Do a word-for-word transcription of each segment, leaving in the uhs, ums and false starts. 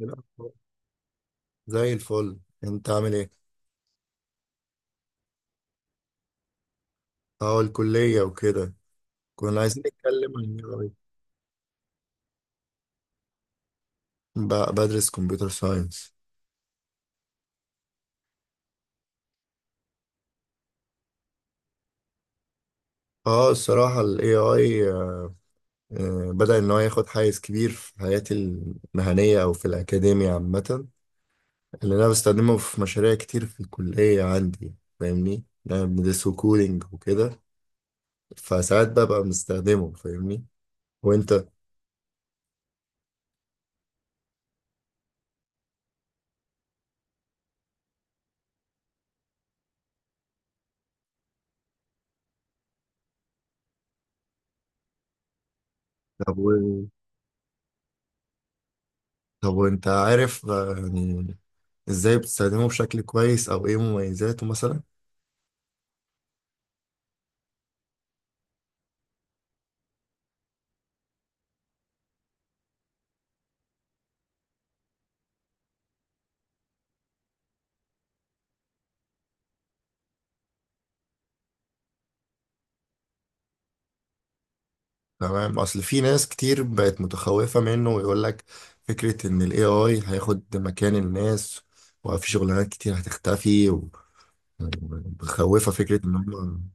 إيه الأخبار؟ زي الفل انت عامل ايه. اه الكلية وكده. كنا عايزين نتكلم عن الاي اي. ب- بدرس كمبيوتر ساينس. اه الصراحة الاي اي آه، آه، بدأ ان هو ياخد حيز كبير في حياتي المهنية او في الاكاديمية عامة، اللي انا بستخدمه في مشاريع كتير في الكلية عندي، فاهمني؟ انا بندرسه كودينج وكده، فساعات ببقى مستخدمه، فاهمني؟ وانت؟ طب طب وانت عارف آه، يعني ازاي بتستخدمه بشكل كويس او ايه مميزاته مثلا؟ تمام، اصل في ناس كتير بقت متخوفة منه ويقول لك فكرة ان الاي اي هياخد مكان الناس وفي شغلانات كتير هتختفي و- ومخوفة فكرة ان هم.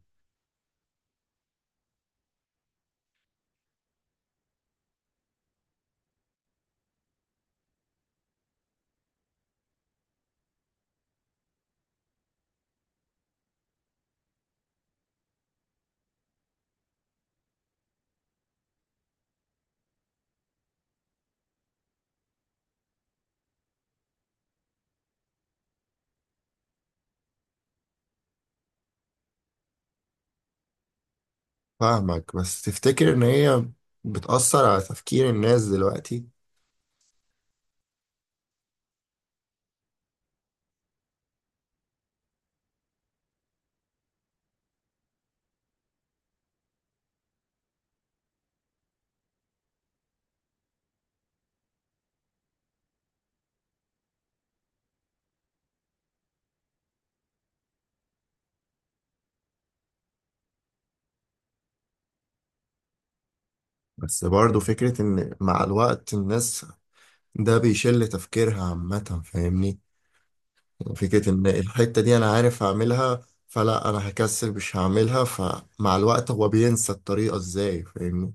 فاهمك، بس تفتكر ان هي بتأثر على تفكير الناس دلوقتي؟ بس برضه فكرة ان مع الوقت الناس ده بيشل تفكيرها عامة، فاهمني؟ فكرة إن الحتة دي أنا عارف هعملها، فلا أنا هكسل مش هعملها، فمع الوقت هو بينسى الطريقة إزاي، فاهمني؟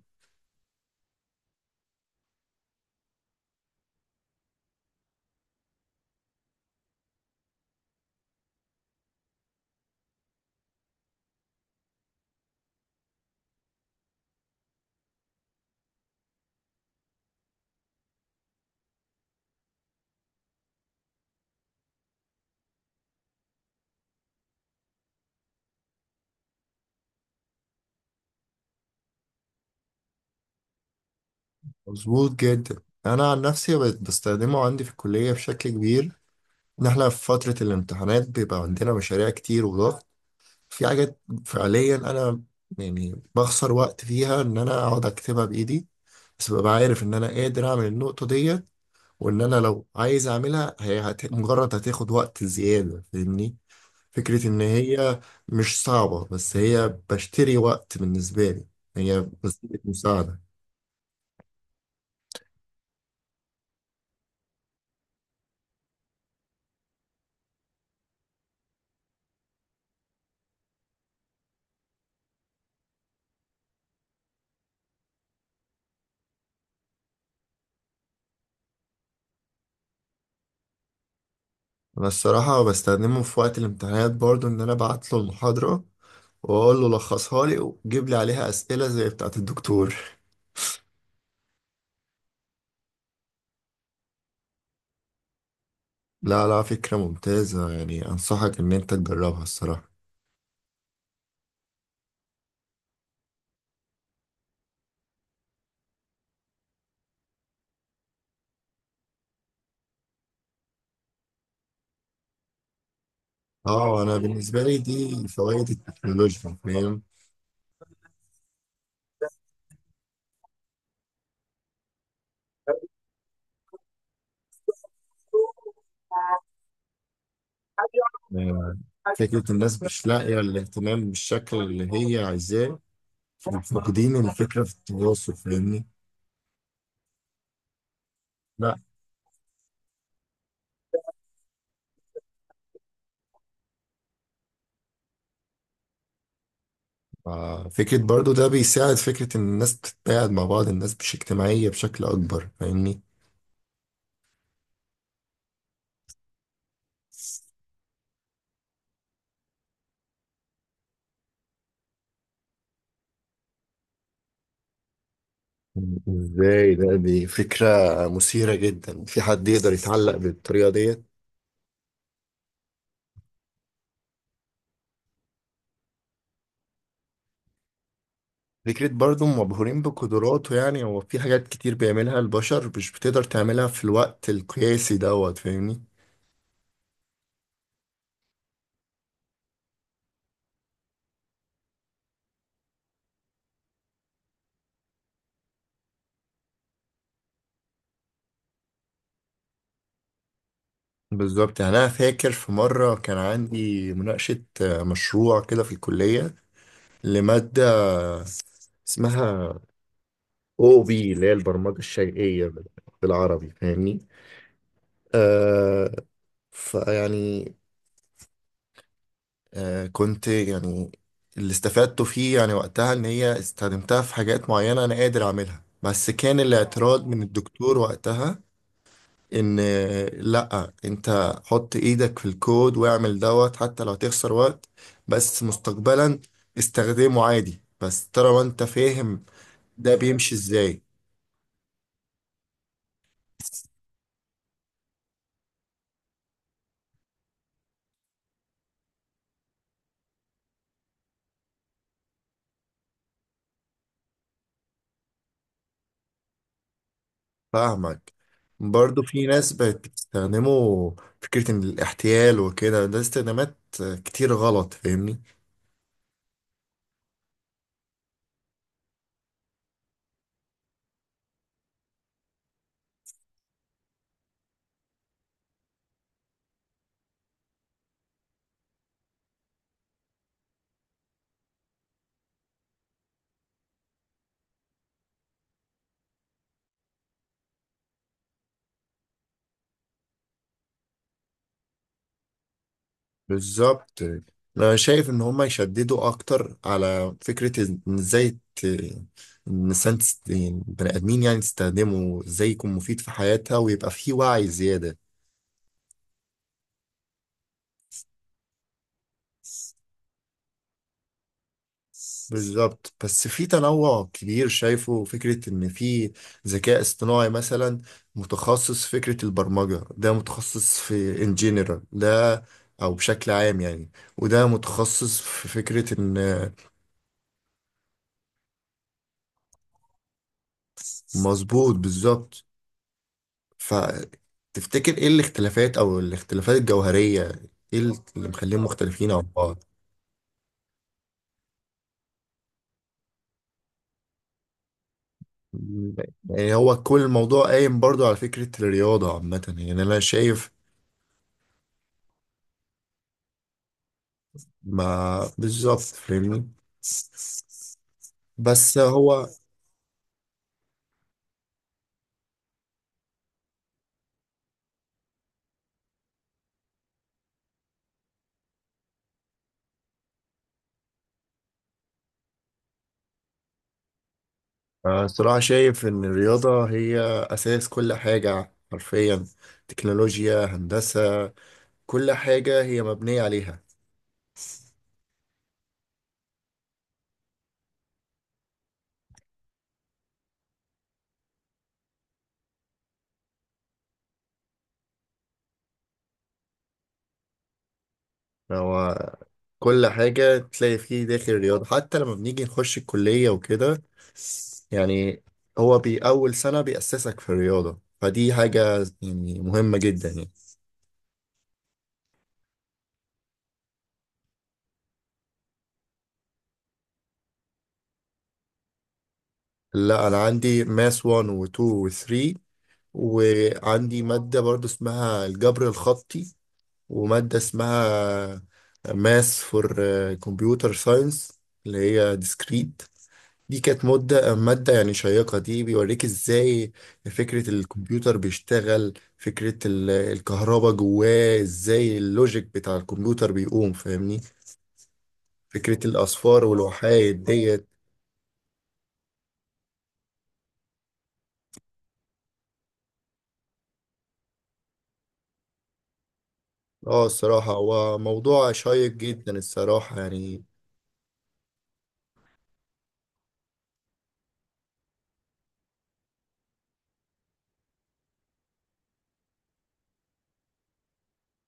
مظبوط جدا. أنا عن نفسي بقيت بستخدمه عندي في الكلية بشكل كبير. إن إحنا في فترة الامتحانات بيبقى عندنا مشاريع كتير وضغط في حاجات. فعليا أنا يعني بخسر وقت فيها إن أنا أقعد أكتبها بإيدي، بس ببقى عارف إن أنا قادر أعمل النقطة ديت، وإن أنا لو عايز أعملها هي هت... مجرد هتاخد وقت زيادة، فاهمني؟ فكرة إن هي مش صعبة، بس هي بشتري وقت بالنسبة لي، هي وسيلة مساعدة. أنا الصراحة بستخدمه في وقت الامتحانات برضو، إن أنا أبعت له المحاضرة وأقول له لخصها لي وجيب لي عليها أسئلة زي بتاعة الدكتور. لا لا، فكرة ممتازة يعني، أنصحك إن أنت تجربها الصراحة. اه انا بالنسبه لي دي فوائد التكنولوجيا، فاهم؟ آه، فكره الناس مش لاقيه الاهتمام بالشكل اللي هي عايزاه، فاقدين الفكرة في التواصل، فاهمني؟ لا. آه، فكرة برضو ده بيساعد فكرة إن الناس تتقاعد مع بعض، الناس مش اجتماعية بشكل أكبر، فاهمني؟ ازاي؟ ده دي فكرة مثيرة جدا، في حد يقدر يتعلق بالطريقة ديت؟ فكرة برضو مبهورين بقدراته، يعني هو في حاجات كتير بيعملها البشر مش بتقدر تعملها في الوقت القياسي دوت، فاهمني؟ بالظبط. يعني أنا فاكر في مرة كان عندي مناقشة آه، مشروع كده في الكلية لمادة اسمها او بي، اللي هي البرمجه الشيئيه بال- بالعربي، فاهمني؟ آه، فيعني، آه كنت يعني، اللي استفدته فيه يعني وقتها ان هي استخدمتها في حاجات معينه انا قادر اعملها، بس كان الاعتراض من الدكتور وقتها ان آه، لا انت حط ايدك في الكود واعمل دوت حتى لو تخسر وقت، بس مستقبلا استخدمه عادي، بس ترى وانت فاهم ده بيمشي ازاي. فاهمك. برضه في ناس بقت بتستخدمه فكرة إن الاحتيال وكده، ده استخدامات كتير غلط، فاهمني؟ بالظبط. أنا شايف إن هما يشددوا أكتر على فكرة إن إزاي ت- إن الإنسان تست- يعني بني آدمين يعني تستخدمه إزاي يكون مفيد في حياتها ويبقى فيه وعي زيادة. بالظبط، بس في تنوع كبير شايفه، فكرة إن في ذكاء اصطناعي مثلا متخصص في فكرة البرمجة، ده متخصص في in general، ده أو بشكل عام يعني، وده متخصص في فكرة إن. مظبوط بالظبط. فتفتكر إيه الاختلافات أو الاختلافات الجوهرية؟ إيه اللي مخليهم مختلفين عن بعض؟ يعني هو كل الموضوع قايم برضو على فكرة الرياضة عامة، يعني أنا شايف. ما بالظبط، فاهمني؟ بس هو آه، صراحة شايف إن الرياضة هي أساس كل حاجة حرفيا، تكنولوجيا، هندسة، كل حاجة هي مبنية عليها. هو كل حاجة تلاقي فيه داخل الرياضة، حتى لما بنيجي نخش الكلية وكده، يعني هو بي أول سنة بيأسسك في الرياضة، فدي حاجة يعني مهمة جدا يعني. لا أنا عندي ماس واحد و اتنين و تلاتة، وعندي مادة برضو اسمها الجبر الخطي، ومادة اسمها ماس فور كمبيوتر ساينس، اللي هي ديسكريت. دي كانت مدة مادة يعني شيقة، دي بيوريك ازاي فكرة الكمبيوتر بيشتغل، فكرة ال- الكهرباء جواه ازاي، اللوجيك بتاع الكمبيوتر بيقوم، فاهمني؟ فكرة الأصفار والوحايد ديت. اه الصراحة هو موضوع شيق جدا الصراحة يعني.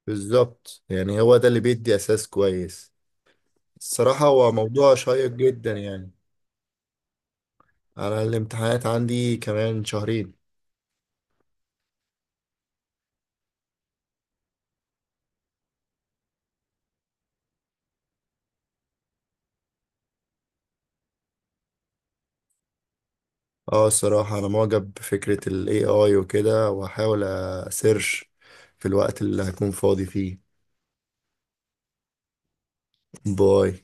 بالظبط، يعني هو ده اللي بيدي أساس كويس. الصراحة هو موضوع شيق جدا يعني. أنا الامتحانات عندي كمان شهرين. اه الصراحة أنا معجب بفكرة ال اي اي وكده، وهحاول أسيرش في الوقت اللي هكون فاضي فيه. باي.